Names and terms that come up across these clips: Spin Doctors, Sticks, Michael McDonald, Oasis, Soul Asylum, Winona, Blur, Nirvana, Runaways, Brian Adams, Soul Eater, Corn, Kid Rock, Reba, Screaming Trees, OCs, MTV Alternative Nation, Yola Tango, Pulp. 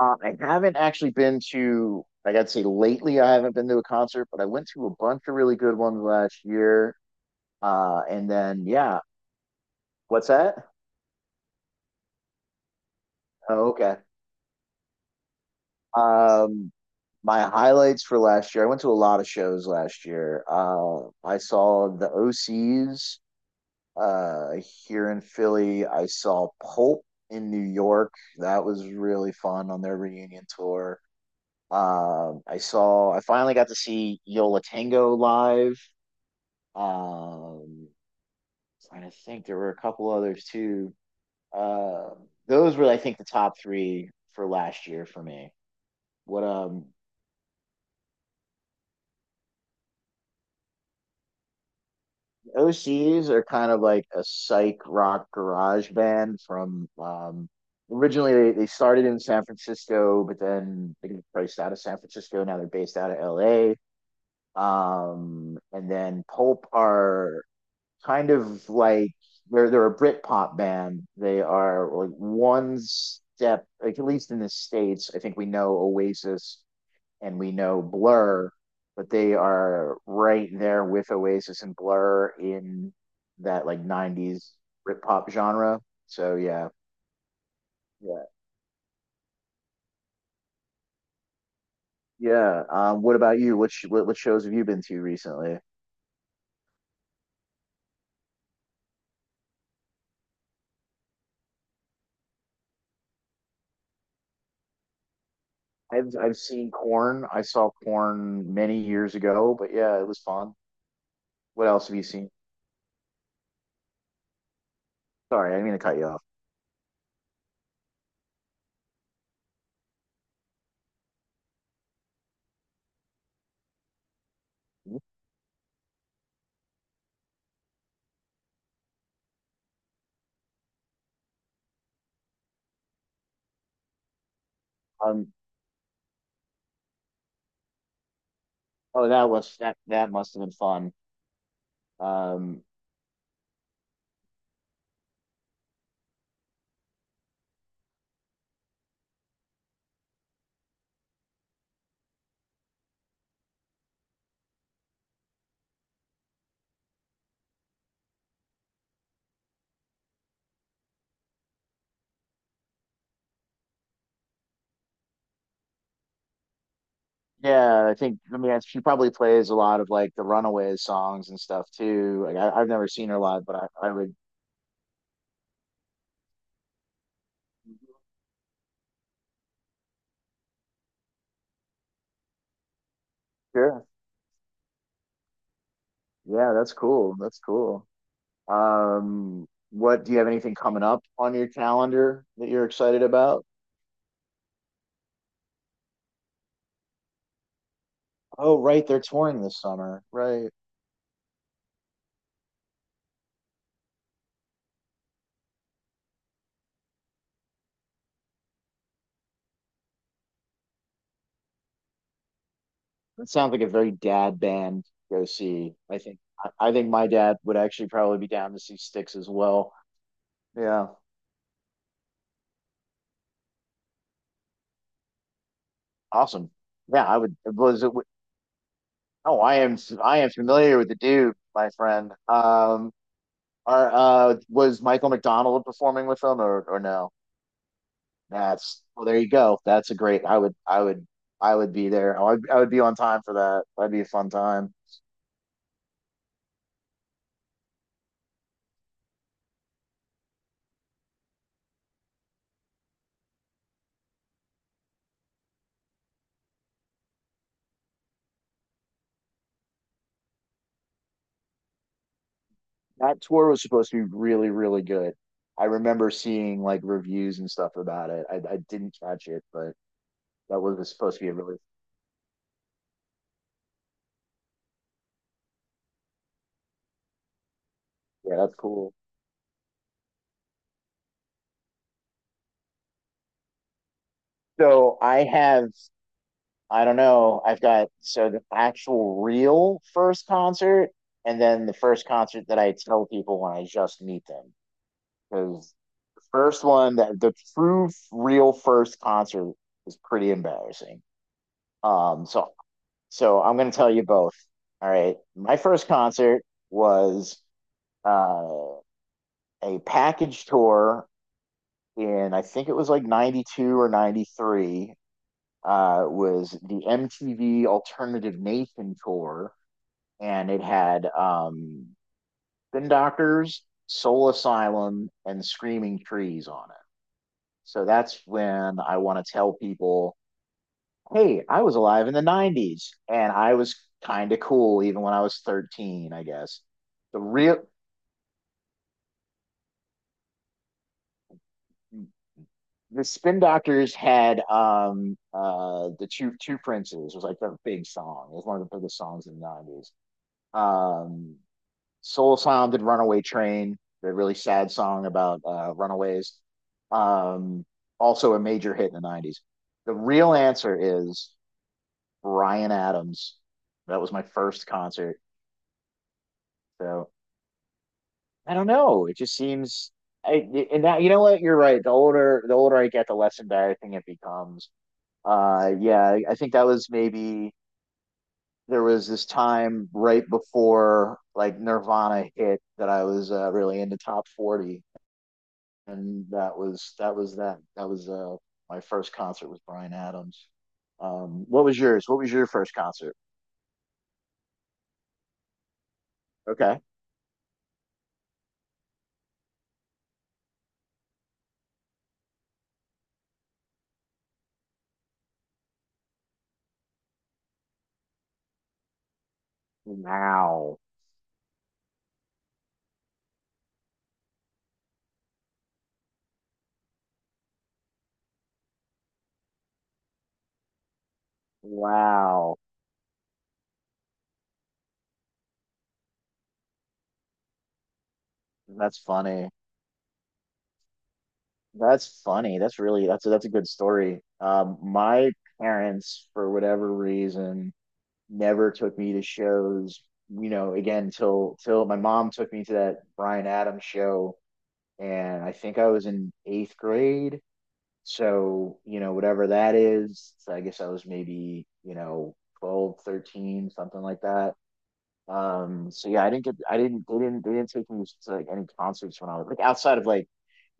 I haven't actually been to, like I'd say lately, I haven't been to a concert, but I went to a bunch of really good ones last year. And then, yeah. What's that? Oh, okay. Um, my highlights for last year, I went to a lot of shows last year. I saw the OCs uh, here in Philly. I saw Pulp in New York. That was really fun on their reunion tour. I finally got to see Yola Tango live. Um, Trying to think, there were a couple others too. Uh, those were, I think, the top three for last year for me. What OCs are kind of like a psych rock garage band from originally they started in San Francisco, but then they got priced out of San Francisco. Now they're based out of LA. And then Pulp are kind of like they're a Britpop band. They are like one step, like at least in the states. I think we know Oasis and we know Blur, but they are right there with Oasis and Blur in that like '90s Britpop genre. So yeah, yeah, yeah. What about you? What, sh- what shows have you been to recently? I've seen Corn. I saw Corn many years ago, but yeah, it was fun. What else have you seen? Sorry, I didn't mean to cut you off. Um, oh, that must have been fun. Um, yeah, I think I mean she probably plays a lot of like the Runaways songs and stuff too. Like I've never seen her live, but I would. Sure. Yeah, that's cool. That's cool. What do you have anything coming up on your calendar that you're excited about? Oh, right, they're touring this summer. Right. That sounds like a very dad band to go see. I think my dad would actually probably be down to see Sticks as well. Yeah. Awesome. Yeah, I would. Was it? Oh, I am. I am familiar with the dude, my friend. Are Was Michael McDonald performing with them or no? That's Well, there you go. That's a great. I would. I would. I would be there. I would. I would be on time for that. That'd be a fun time. That tour was supposed to be really, really good. I remember seeing like reviews and stuff about it. I didn't catch it, but that was supposed to be a really. Yeah, that's cool. So I have I don't know. I've got so the actual real first concert, and then the first concert that I tell people when I just meet them. Because the first one, that the true real first concert was pretty embarrassing. Um, so so I'm gonna tell you both. All right. My first concert was uh a package tour in I think it was like '92 or '93 was the MTV Alternative Nation tour, and it had Spin Doctors, Soul Asylum, and Screaming Trees on it. So that's when I want to tell people, hey, I was alive in the '90s and I was kind of cool even when I was 13, I guess. The real the Spin Doctors had the two princes. It was like their big song. It was one of the biggest songs in the '90s. Um Soul Sound did Runaway Train, the really sad song about runaways. Um, Also a major hit in the '90s. The real answer is Brian Adams. That was my first concert. So I don't know. It just seems. I and that You know what? You're right. The older I get, the less embarrassing it becomes. Yeah, I think that was maybe there was this time right before like Nirvana hit that I was really into top 40. And that was my first concert with Brian Adams. What was yours? What was your first concert? Okay. Wow. Wow. That's funny. That's funny. That's a good story. My parents, for whatever reason, never took me to shows. You know, again, till my mom took me to that Brian Adams show, and I think I was in eighth grade. So whatever that is. So I guess I was maybe, 12, 13, something like that. So yeah, I didn't get I didn't they didn't take me to like any concerts when I was, like, outside of like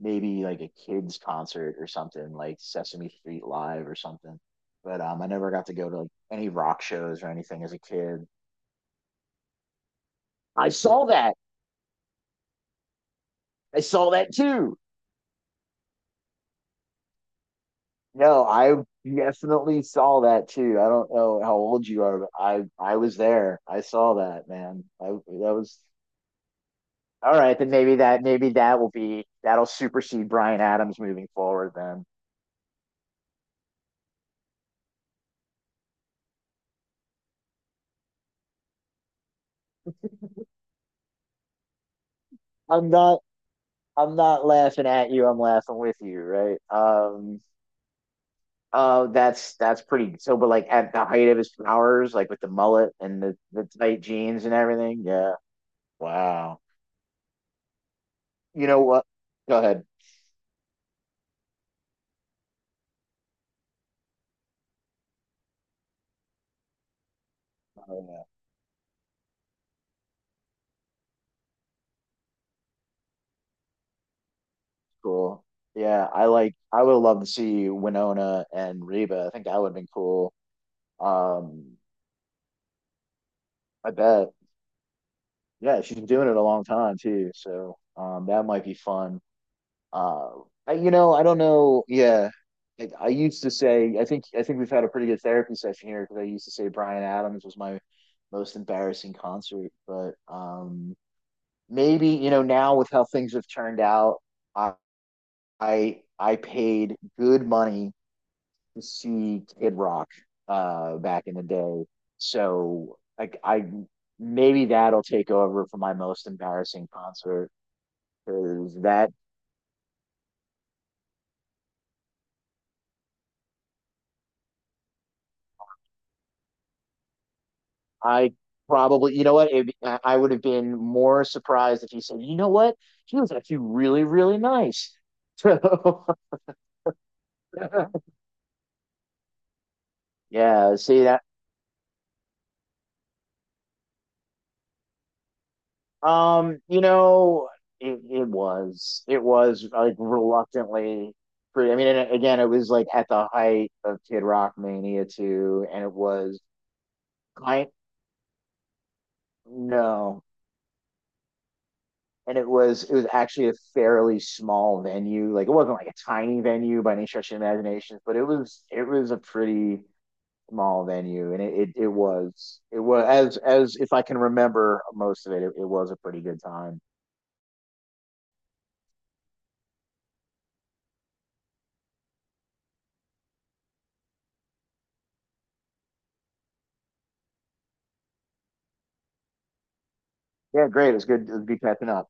maybe like a kids concert or something like Sesame Street live or something. But I never got to go to like any rock shows or anything as a kid. I saw that. I saw that too. No, I definitely saw that too. I don't know how old you are, but I was there. I saw that, man. I That was all right. Then maybe that will be that'll supersede Brian Adams moving forward. Then I'm not I'm not laughing at you. I'm laughing with you, right? Oh, that's pretty. So, but like at the height of his powers, like with the mullet and the tight jeans and everything. Yeah. Wow. You know what? Go ahead. Cool. Yeah, I like. I would love to see Winona and Reba. I think that would have been cool. Um, I bet. Yeah, she's been doing it a long time too, so that might be fun. Uh, I don't know. Yeah, like I used to say. I think we've had a pretty good therapy session here because I used to say Brian Adams was my most embarrassing concert, but maybe, now with how things have turned out, I I paid good money to see Kid Rock back in the day. So like I maybe that'll take over for my most embarrassing concert. Because that, I probably, you know what, it, I would have been more surprised if he said, you know what, he was actually really really nice. So yeah, see that. You know, it was like reluctantly free. I mean, and again, it was like at the height of Kid Rock mania too, and it was kind no, and it was actually a fairly small venue. Like it wasn't like a tiny venue by any stretch of the imagination, but it was a pretty small venue, and it was as if I can remember most of it, it was a pretty good time. Yeah, great. It was good. It was good catching up.